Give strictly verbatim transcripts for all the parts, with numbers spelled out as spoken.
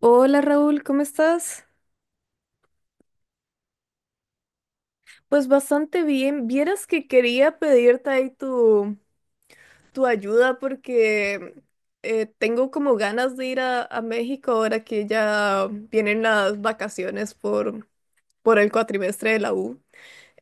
Hola Raúl, ¿cómo estás? Pues bastante bien. Vieras que quería pedirte ahí tu, tu ayuda porque eh, tengo como ganas de ir a, a México ahora que ya vienen las vacaciones por, por el cuatrimestre de la U.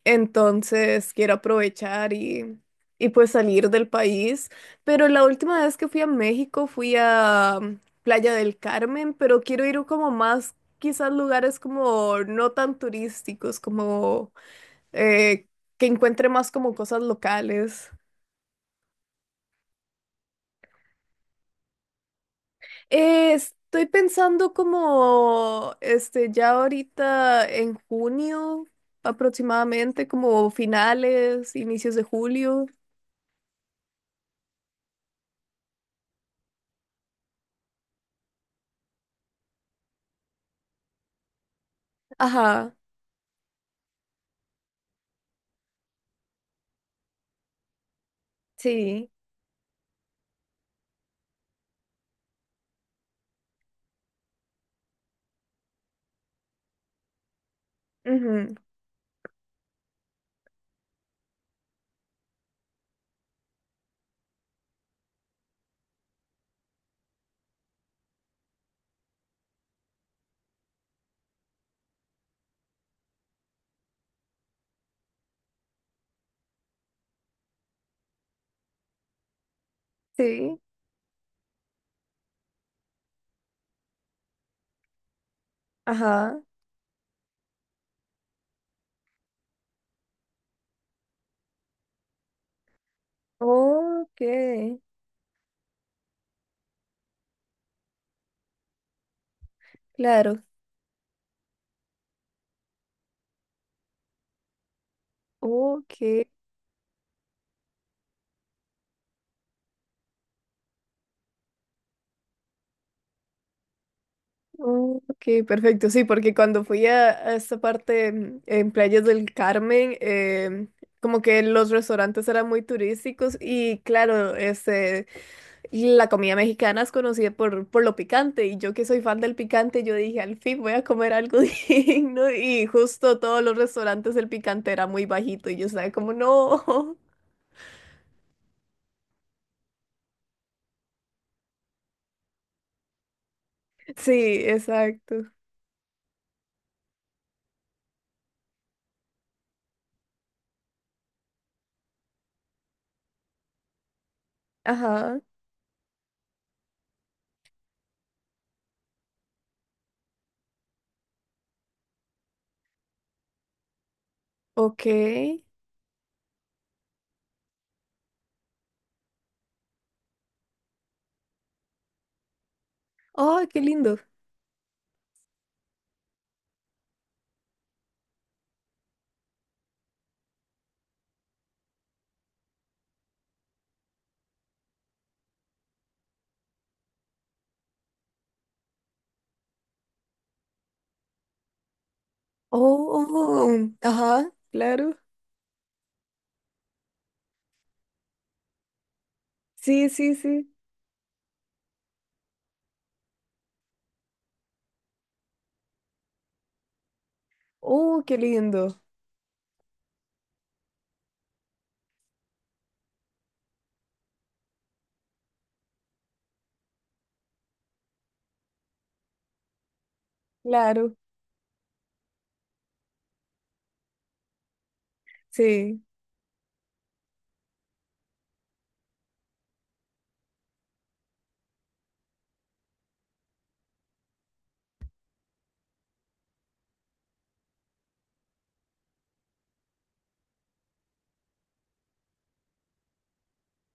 Entonces quiero aprovechar y, y pues salir del país. Pero la última vez que fui a México fui a mm, Playa del Carmen, pero quiero ir como más, quizás lugares como no tan turísticos, como eh, que encuentre más como cosas locales. Eh, estoy pensando como, este, ya ahorita en junio aproximadamente, como finales, inicios de julio. Ajá, sí. Ujú, sí, ajá. Ok, claro. Ok, ok, perfecto. Sí, porque cuando fui a, a esa parte mm, en Playas del Carmen, em, como que los restaurantes eran muy turísticos y claro, este, y la comida mexicana es conocida por, por lo picante y yo que soy fan del picante, yo dije, al fin voy a comer algo digno y justo todos los restaurantes el picante era muy bajito y yo estaba como, no. Sí, exacto. Ajá, ok. ¡Ay, qué lindo! Oh, ajá, claro. Sí, sí, sí. ¡Oh, qué lindo! Claro, sí.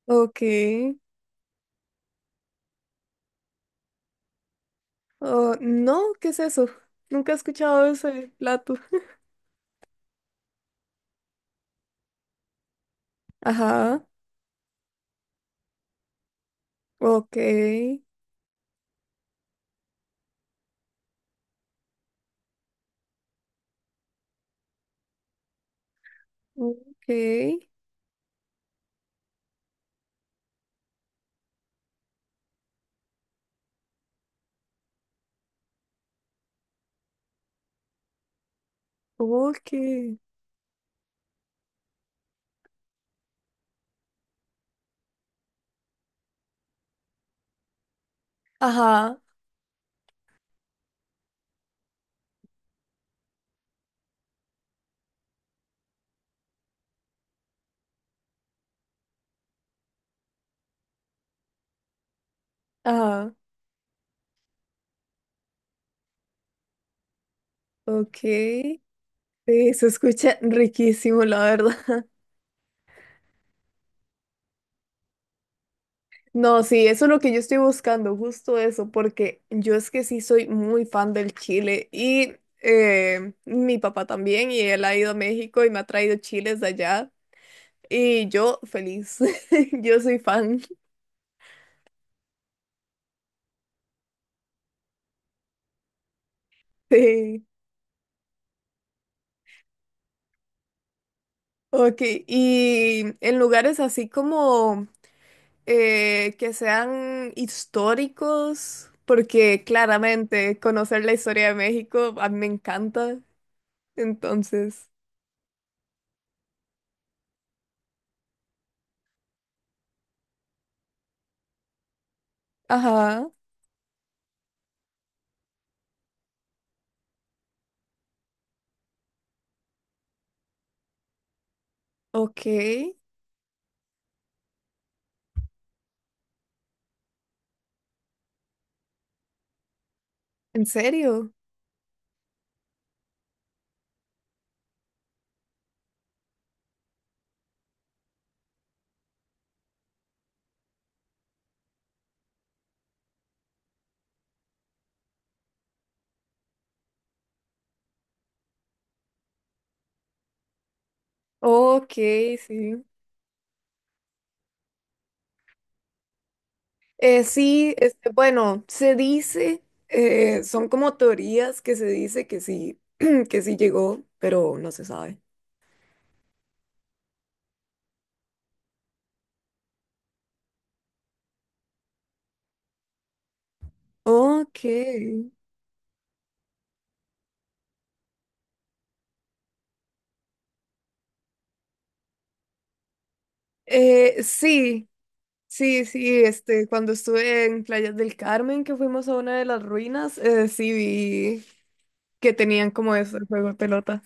Ok. Oh, no, ¿qué es eso? Nunca he escuchado ese plato. Ajá, ok. Ok. Ok. Ajá, ajá, ok. Sí, se escucha riquísimo, la verdad. No, sí, eso es lo que yo estoy buscando, justo eso, porque yo es que sí soy muy fan del chile y eh, mi papá también, y él ha ido a México y me ha traído chiles de allá, y yo feliz, yo soy fan. Sí. Ok, y en lugares así como eh, que sean históricos, porque claramente conocer la historia de México a mí me encanta, entonces, ajá, ok. ¿En serio? Ok, sí. Eh, sí, este, bueno, se dice, eh, son como teorías que se dice que sí, que sí llegó, pero no se sabe. Ok. Eh, sí, sí, sí, este, cuando estuve en Playas del Carmen, que fuimos a una de las ruinas, eh, sí vi que tenían como eso, el juego de pelota.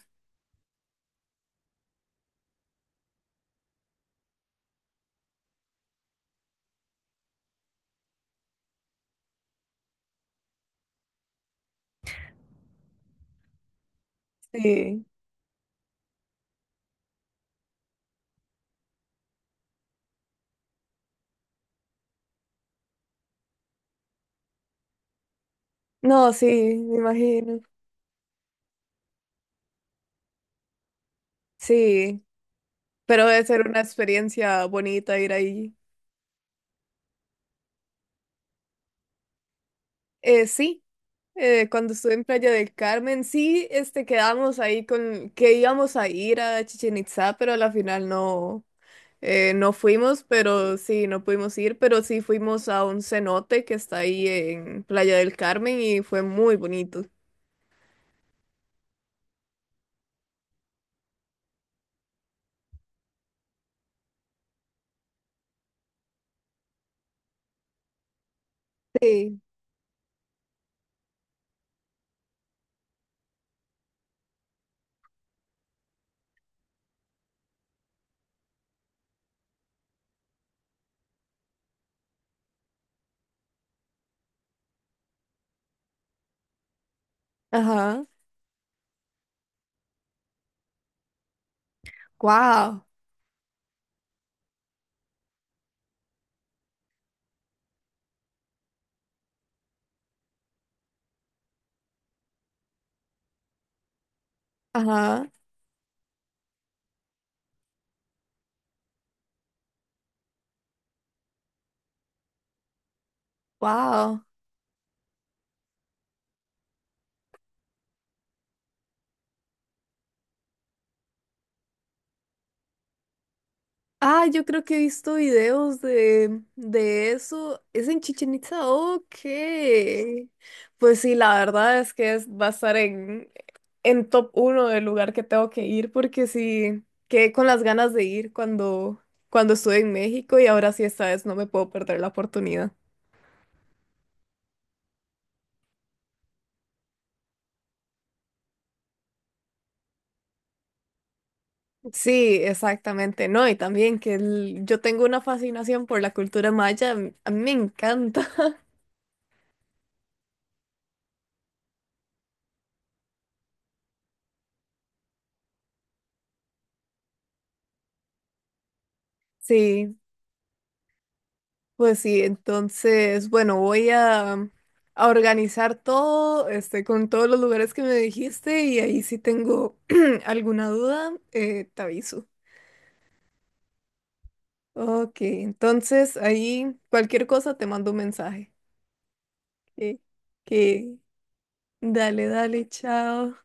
Sí. No, sí, me imagino. Sí, pero debe ser una experiencia bonita ir ahí. Eh, sí. Eh, cuando estuve en Playa del Carmen, sí, este, quedamos ahí con que íbamos a ir a Chichen Itzá, pero a la final no, eh, no fuimos, pero sí, no pudimos ir, pero sí fuimos a un cenote que está ahí en Playa del Carmen y fue muy bonito. Sí. Ajá. Wow. Ajá. Wow. Ah, yo creo que he visto videos de, de eso. Es en Chichen Itza, ok. Pues sí, la verdad es que es, va a estar en, en top uno del lugar que tengo que ir porque sí, quedé con las ganas de ir cuando, cuando estuve en México y ahora sí esta vez no me puedo perder la oportunidad. Sí, exactamente, no, y también que el- yo tengo una fascinación por la cultura maya, a mí a mí me encanta. Sí. Pues sí, entonces, bueno, voy a, a organizar todo, este, con todos los lugares que me dijiste y ahí si tengo alguna duda, eh, te aviso. Ok, entonces ahí cualquier cosa te mando un mensaje. Que, que, dale, dale, chao.